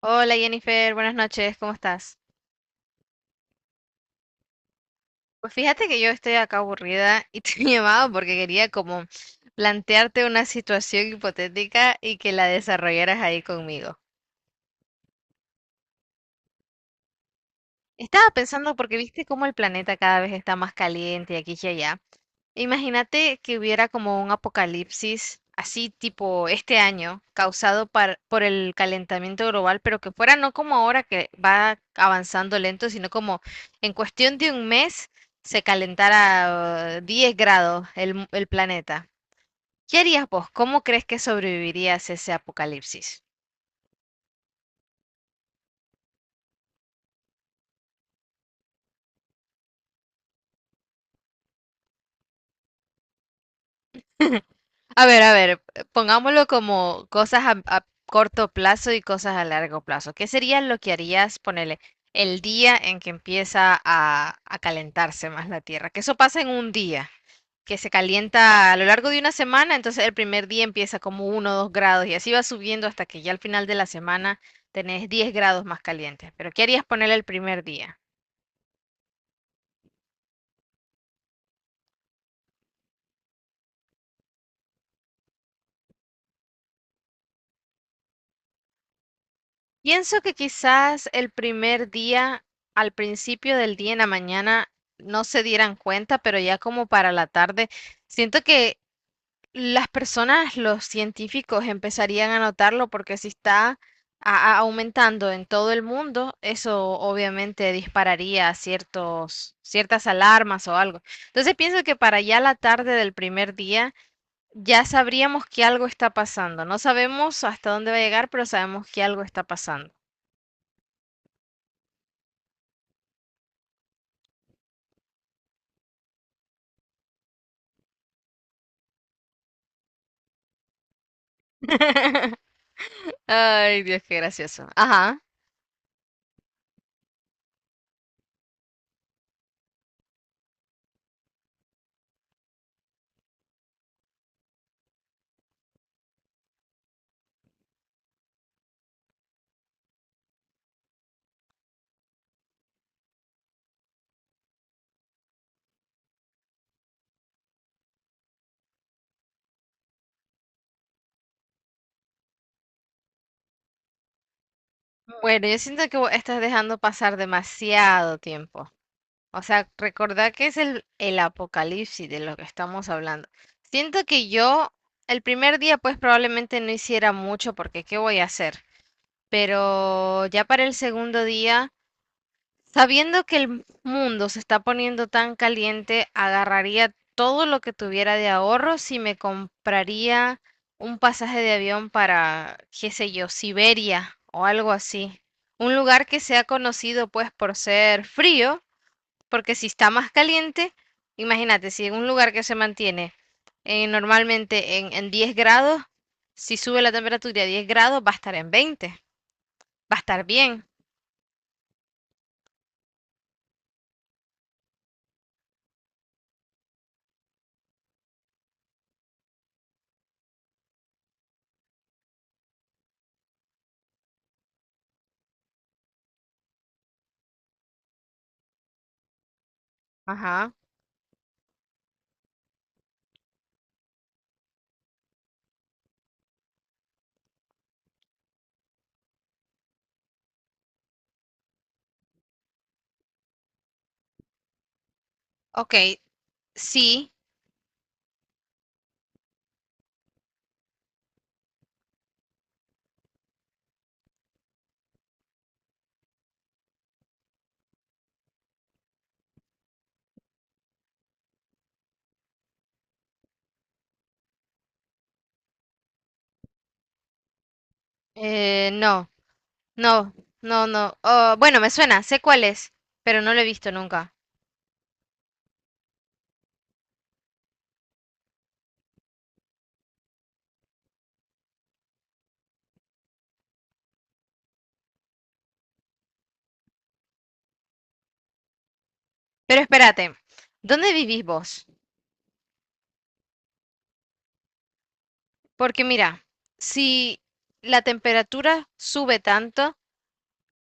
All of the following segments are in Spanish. Hola Jennifer, buenas noches, ¿cómo estás? Pues fíjate que yo estoy acá aburrida y te he llamado porque quería como plantearte una situación hipotética y que la desarrollaras ahí conmigo. Estaba pensando porque viste cómo el planeta cada vez está más caliente y aquí y allá. Imagínate que hubiera como un apocalipsis así tipo este año causado por el calentamiento global, pero que fuera no como ahora que va avanzando lento, sino como en cuestión de un mes se calentara 10 grados el planeta. ¿Qué harías vos? ¿Cómo crees que sobrevivirías ese apocalipsis? A ver, pongámoslo como cosas a corto plazo y cosas a largo plazo. ¿Qué sería lo que harías, ponele, el día en que empieza a calentarse más la Tierra? Que eso pasa en un día, que se calienta a lo largo de una semana, entonces el primer día empieza como 1, o 2 grados y así va subiendo hasta que ya al final de la semana tenés 10 grados más calientes. Pero ¿qué harías ponerle el primer día? Pienso que quizás el primer día, al principio del día en la mañana, no se dieran cuenta, pero ya como para la tarde, siento que las personas, los científicos empezarían a notarlo porque si está aumentando en todo el mundo, eso obviamente dispararía ciertos, ciertas alarmas o algo. Entonces pienso que para ya la tarde del primer día ya sabríamos que algo está pasando. No sabemos hasta dónde va a llegar, pero sabemos que algo está pasando. Ay, Dios, qué gracioso. Ajá. Mm. Bueno, yo siento que vos estás dejando pasar demasiado tiempo. O sea, recordá que es el apocalipsis de lo que estamos hablando. Siento que yo el primer día pues probablemente no hiciera mucho porque ¿qué voy a hacer? Pero ya para el segundo día. Sabiendo que el mundo se está poniendo tan caliente, agarraría todo lo que tuviera de ahorro si me compraría un pasaje de avión para, qué sé yo, Siberia o algo así. Un lugar que sea conocido pues por ser frío, porque si está más caliente, imagínate, si en un lugar que se mantiene normalmente en 10 grados, si sube la temperatura a 10 grados, va a estar en 20, va a estar bien. Ajá. Ok, sí. No, no, no, no. Oh, bueno, me suena, sé cuál es, pero no lo he visto nunca. Pero espérate, ¿dónde vivís vos? Porque mira, si la temperatura sube tanto,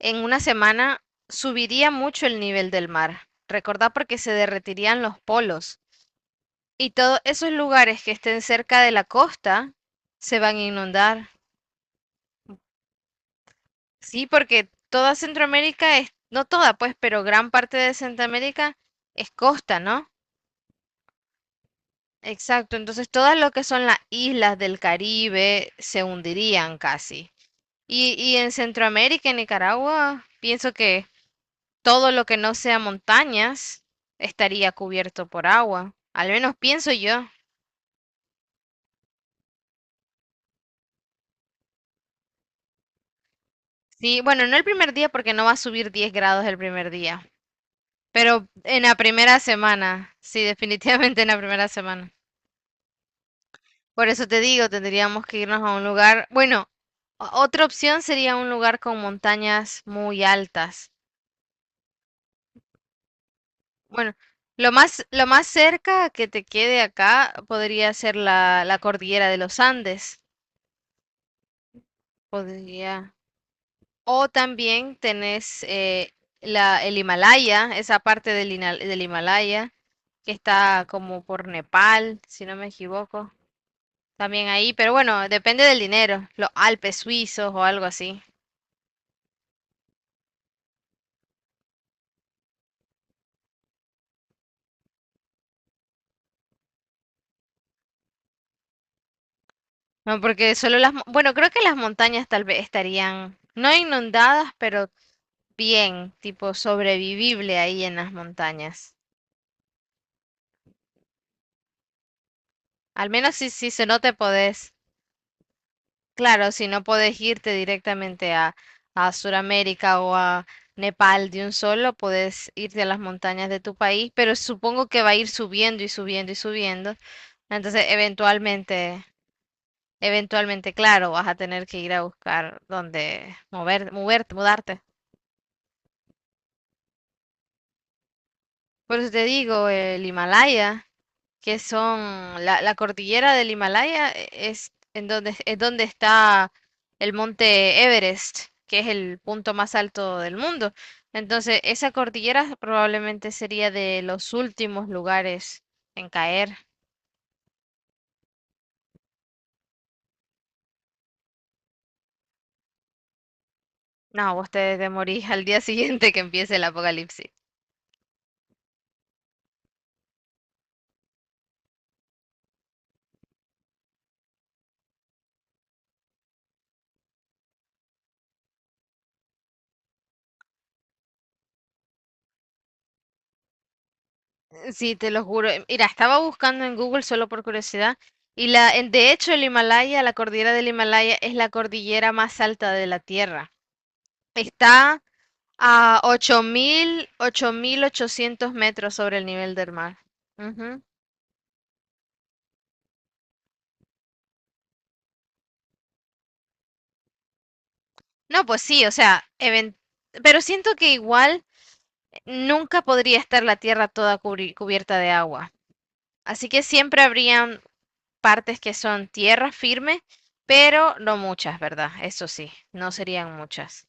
en una semana subiría mucho el nivel del mar. Recordá porque se derretirían los polos y todos esos lugares que estén cerca de la costa se van a inundar. Sí, porque toda Centroamérica es, no toda pues, pero gran parte de Centroamérica es costa, ¿no? Exacto, entonces todas lo que son las islas del Caribe se hundirían casi. Y en Centroamérica en Nicaragua, pienso que todo lo que no sea montañas estaría cubierto por agua. Al menos pienso yo. Sí, bueno, no el primer día porque no va a subir 10 grados el primer día, pero en la primera semana, sí, definitivamente en la primera semana. Por eso te digo, tendríamos que irnos a un lugar, bueno, otra opción sería un lugar con montañas muy altas. Bueno, lo más cerca que te quede acá podría ser la cordillera de los Andes. Podría. O también tenés la, el Himalaya, esa parte del Himalaya, que está como por Nepal, si no me equivoco. También ahí, pero bueno, depende del dinero. Los Alpes suizos o algo así. No, porque solo bueno, creo que las montañas tal vez estarían, no inundadas, pero bien, tipo sobrevivible ahí en las montañas. Al menos si se no te podés, claro, si no podés irte directamente a Sudamérica o a Nepal de un solo, podés irte a las montañas de tu país, pero supongo que va a ir subiendo y subiendo y subiendo. Entonces, eventualmente, eventualmente, claro, vas a tener que ir a buscar dónde mover, moverte, mudarte. Por eso te digo, el Himalaya. Que son la cordillera del Himalaya, es en donde, es donde está el monte Everest, que es el punto más alto del mundo. Entonces, esa cordillera probablemente sería de los últimos lugares en caer. No, vos te, te morís al día siguiente que empiece el apocalipsis. Sí, te lo juro. Mira, estaba buscando en Google solo por curiosidad. Y de hecho, el Himalaya, la cordillera del Himalaya, es la cordillera más alta de la Tierra. Está a ocho mil ochocientos metros sobre el nivel del mar. Ujú. No, pues sí, o sea, pero siento que igual nunca podría estar la Tierra toda cubierta de agua. Así que siempre habrían partes que son tierra firme, pero no muchas, ¿verdad? Eso sí, no serían muchas.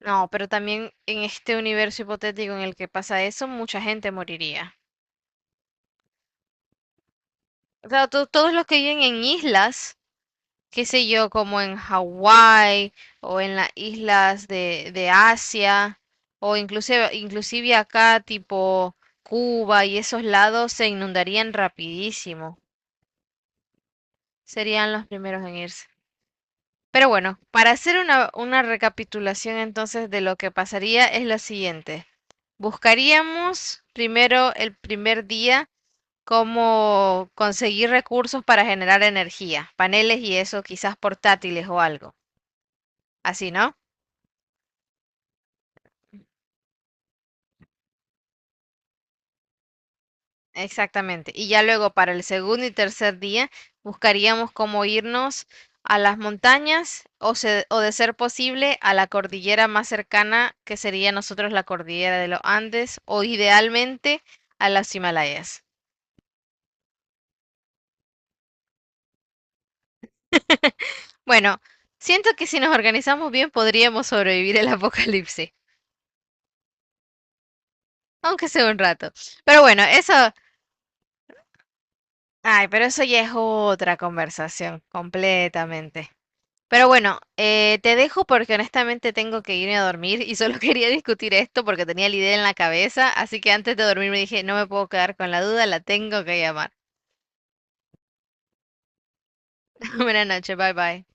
No, pero también en este universo hipotético en el que pasa eso, mucha gente moriría. Claro, todos los que viven en islas qué sé yo, como en Hawái o en las islas de Asia o inclusive, inclusive acá tipo Cuba y esos lados se inundarían rapidísimo. Serían los primeros en irse. Pero bueno, para hacer una recapitulación entonces de lo que pasaría es lo siguiente. Buscaríamos primero el primer día cómo conseguir recursos para generar energía, paneles y eso, quizás portátiles o algo. Así, ¿no? Exactamente. Y ya luego para el segundo y tercer día buscaríamos cómo irnos a las montañas o, o de ser posible a la cordillera más cercana que sería nosotros la cordillera de los Andes o idealmente a las Himalayas. Bueno, siento que si nos organizamos bien podríamos sobrevivir el apocalipsis, aunque sea un rato. Pero bueno, eso, ay, pero eso ya es otra conversación completamente. Pero bueno, te dejo porque honestamente tengo que irme a dormir y solo quería discutir esto porque tenía la idea en la cabeza, así que antes de dormir me dije, no me puedo quedar con la duda, la tengo que llamar. Buenas noches, bye bye.